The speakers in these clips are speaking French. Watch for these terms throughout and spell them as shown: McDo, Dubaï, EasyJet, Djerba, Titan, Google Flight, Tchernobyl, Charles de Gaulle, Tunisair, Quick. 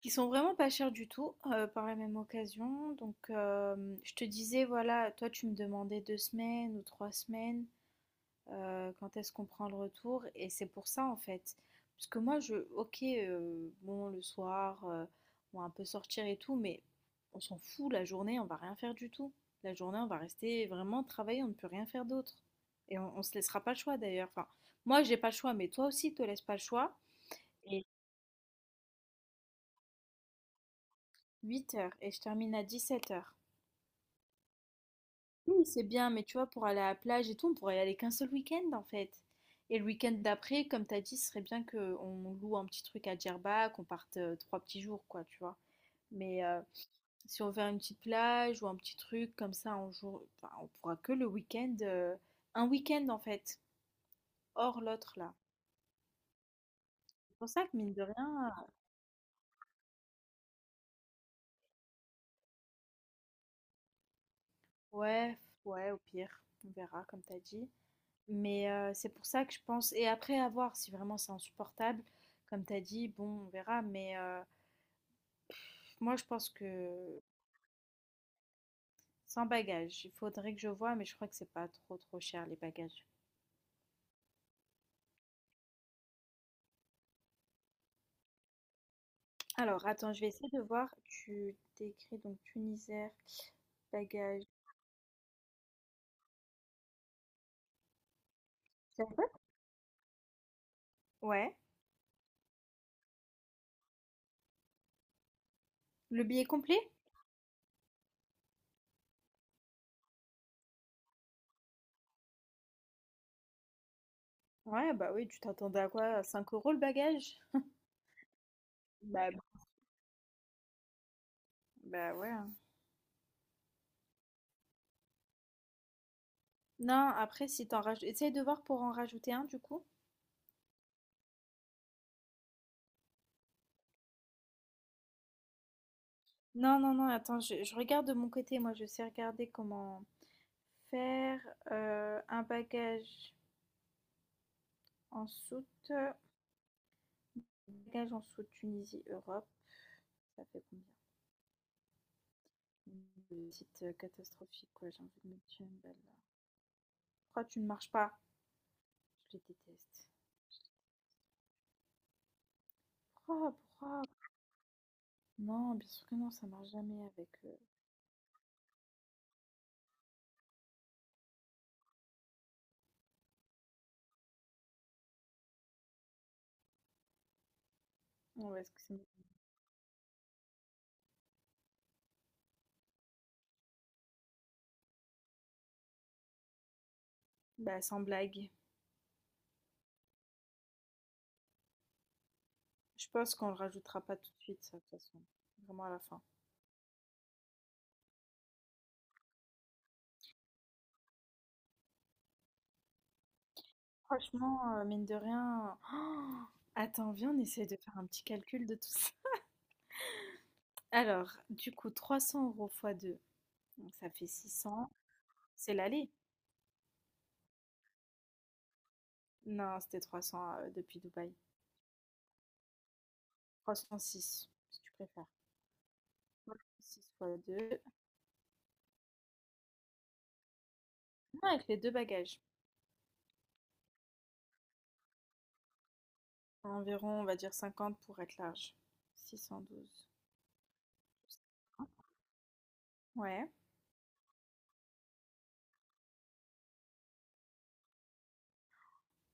Qui sont vraiment pas chers du tout, par la même occasion. Donc, je te disais, voilà, toi tu me demandais 2 semaines ou 3 semaines, quand est-ce qu'on prend le retour? Et c'est pour ça, en fait. Parce que moi je OK, bon le soir, on va un peu sortir et tout, mais on s'en fout, la journée, on va rien faire du tout. La journée, on va rester vraiment travailler, on ne peut rien faire d'autre. Et on se laissera pas le choix d'ailleurs. Enfin, moi j'ai pas le choix, mais toi aussi, te laisse pas le choix. Et 8 heures, et je termine à 17 heures. Oui, c'est bien, mais tu vois, pour aller à la plage et tout, on pourrait y aller qu'un seul week-end en fait. Et le week-end d'après, comme t'as dit, ce serait bien qu'on loue un petit truc à Djerba, qu'on parte trois petits jours, quoi, tu vois. Mais euh, Si on veut une petite plage ou un petit truc comme ça, on, enfin, on pourra que le week-end, un week-end en fait, hors l'autre là. C'est pour ça que mine de rien, ouais, ouais, au pire, on verra, comme t'as dit. C'est pour ça que je pense, et après à voir si vraiment c'est insupportable, comme t'as dit, bon, on verra, mais. Moi, je pense que sans bagages, il faudrait que je vois, mais je crois que c'est pas trop trop cher les bagages. Alors, attends, je vais essayer de voir. Tu t'écris donc Tunisair, bagages. Ça va. Ouais. Le billet complet? Ouais, bah oui, tu t'attendais à quoi? À 5 € le bagage? Bah, bah, ouais. Hein. Non, après, si t'en rajoutes. Essaye de voir pour en rajouter un du coup. Non, non, non, attends, je regarde de mon côté. Moi, je sais regarder comment faire un bagage en soute. Voyage en sous-Tunisie, Europe, ça fait combien? Le site catastrophique, quoi, j'ai envie de me tuer une balle là. Pourquoi tu ne marches pas? Je les déteste. Pourquoi, pourquoi? Non, bien sûr que non, ça marche jamais avec. Ouais, est-ce que c'est. Bah, sans blague. Je pense qu'on le rajoutera pas tout de suite, ça, de toute façon. Vraiment à la fin. Franchement, mine de rien. Oh, attends, viens, on essaie de faire un petit calcul de tout ça. Alors, du coup, 300 € fois deux, donc ça fait 600. C'est l'aller. Non, c'était 300 depuis Dubaï. 306, si tu préfères. Six fois 2. Non, avec les deux bagages. Environ, on va dire 50 pour être large. 612. Ouais.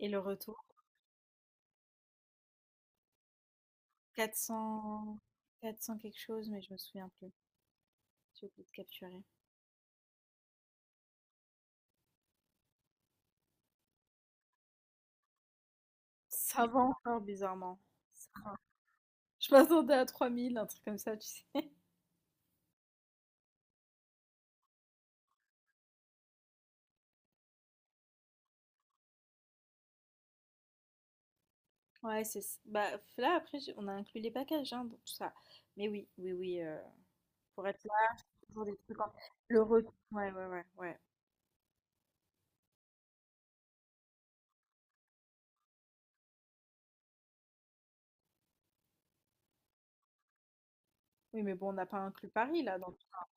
Et le retour, Quatre cents... Quatre 400 quelque chose, mais je me souviens plus. J'ai oublié de capturer. Ça va encore bizarrement. Ça va. Je m'attendais à 3 000, un truc comme ça, tu sais. Ouais, c'est. Bah, là, après, on a inclus les bagages, hein, donc tout ça. Mais oui, oui, oui. Pour être toujours des trucs en le retour, ouais, ouais, ouais, ouais. Oui, mais bon, on n'a pas inclus Paris là dans tout ça.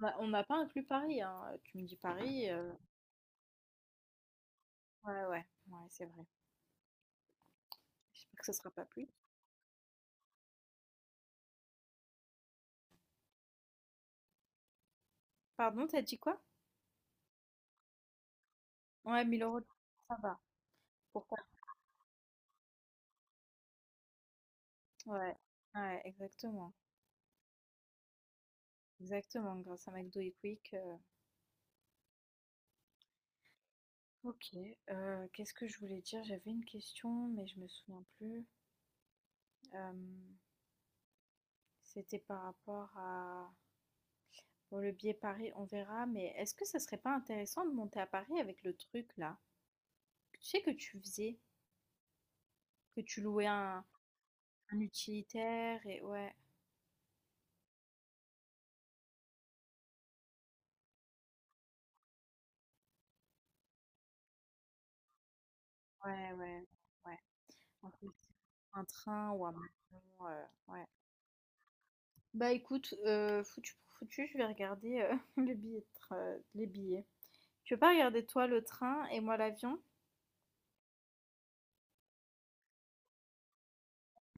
On n'a pas inclus Paris, hein. Tu me dis Paris, ouais, ouais, ouais, c'est vrai. J'espère que ce sera pas plus. Pardon, t'as dit quoi? Ouais, mille euros, ça va. Pourquoi? Ouais, ouais, exactement. Exactement, grâce à McDo et Quick. Ok, qu'est-ce que je voulais dire? J'avais une question, mais je me souviens plus. Euh, C'était par rapport à. Bon, le billet Paris, on verra, mais est-ce que ça serait pas intéressant de monter à Paris avec le truc là? Tu sais que tu faisais, que tu louais un utilitaire et ouais, ouais, ouais, ouais, un peu un train ou un avion, heu, ouais. Bah, écoute, foutu pour foutu, je vais regarder, le billet de train, les billets. Tu veux pas regarder toi le train et moi l'avion?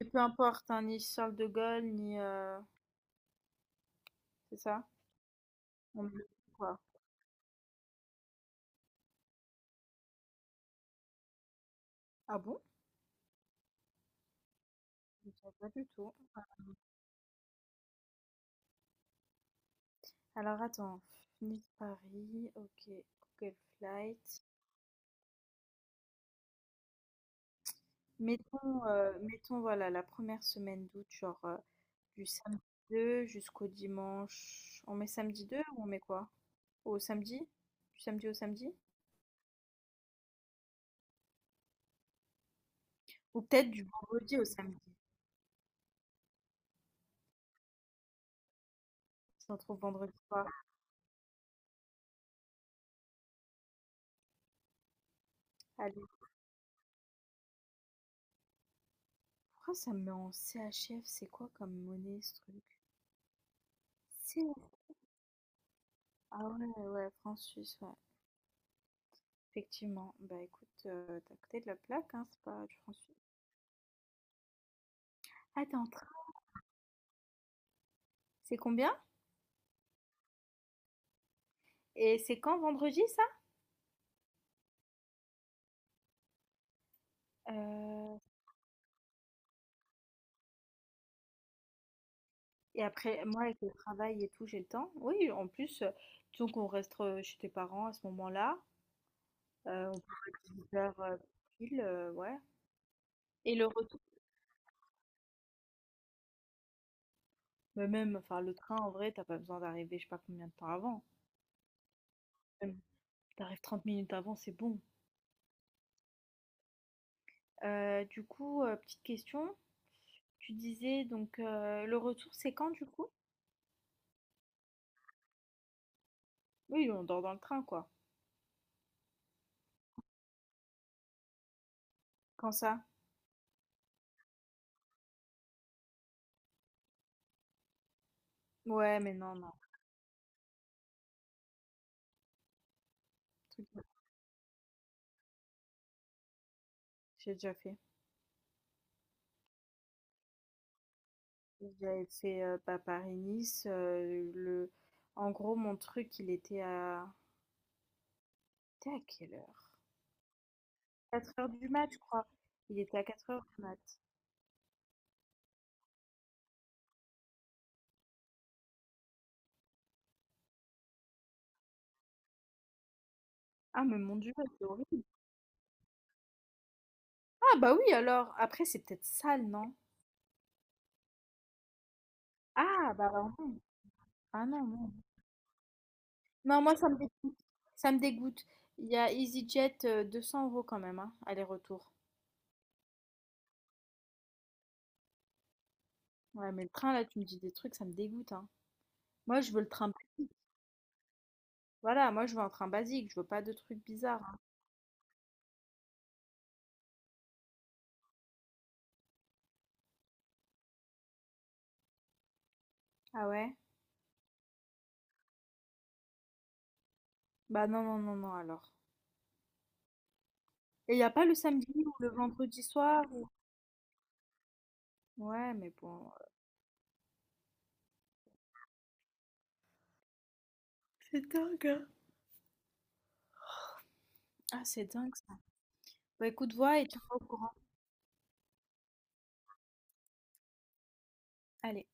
Et peu importe, hein, ni Charles de Gaulle ni, c'est ça? On met le tout, quoi. Ah bon? Je savais pas du tout. Alors attends, Nice-Paris, OK, Google flight. Mettons, voilà la première semaine d'août, genre, du samedi 2 jusqu'au dimanche, on met samedi 2 ou on met quoi? Au samedi? Du samedi au samedi? Ou peut-être du vendredi au samedi. Si on trouve vendredi soir. Allez, pourquoi ça me met en CHF? C'est quoi comme monnaie ce truc? C'est. Ah ouais, ouais, franc suisse, ouais. Effectivement. Bah écoute, tu côté de la plaque, hein, c'est pas du franc suisse. Ah, c'est combien? Et c'est quand vendredi ça? Et après, moi, avec le travail et tout, j'ai le temps. Oui, en plus, disons qu'on reste chez tes parents à ce moment-là. On peut faire 18 heures pile, ouais. Et le retour, mais même, enfin, le train, en vrai, t'as pas besoin d'arriver, je sais pas combien de temps avant. Même, t'arrives 30 minutes avant, c'est bon. Du coup, petite question. Tu disais, donc, le retour, c'est quand, du coup? Oui, on dort dans le train, quoi. Quand ça? Ouais, mais non, non. truc de- J'ai déjà fait. J'avais fait, bah, Paris-Nice, le en gros, mon truc, il était à quelle heure? 4 heures du mat, je crois. Il était à 4 heures du mat. Ah, mais mon Dieu, c'est horrible. Ah, bah, oui, alors. Après, c'est peut-être sale, non? Ah, bah, non. Ah non, non. Non, moi, ça me dégoûte, ça me dégoûte. Il y a EasyJet, 200 € quand même, hein, aller-retour. Ouais, mais le train, là, tu me dis des trucs, ça me dégoûte, hein. Moi, je veux le train basique. Voilà, moi, je veux un train basique, je veux pas de trucs bizarres, hein. Ah ouais? Bah non, non, non, non, alors. Et il y a pas le samedi ou le vendredi soir ou. Ouais, mais bon. Ah, c'est dingue ça. Bah écoute, vois et tiens-moi au courant. Allez.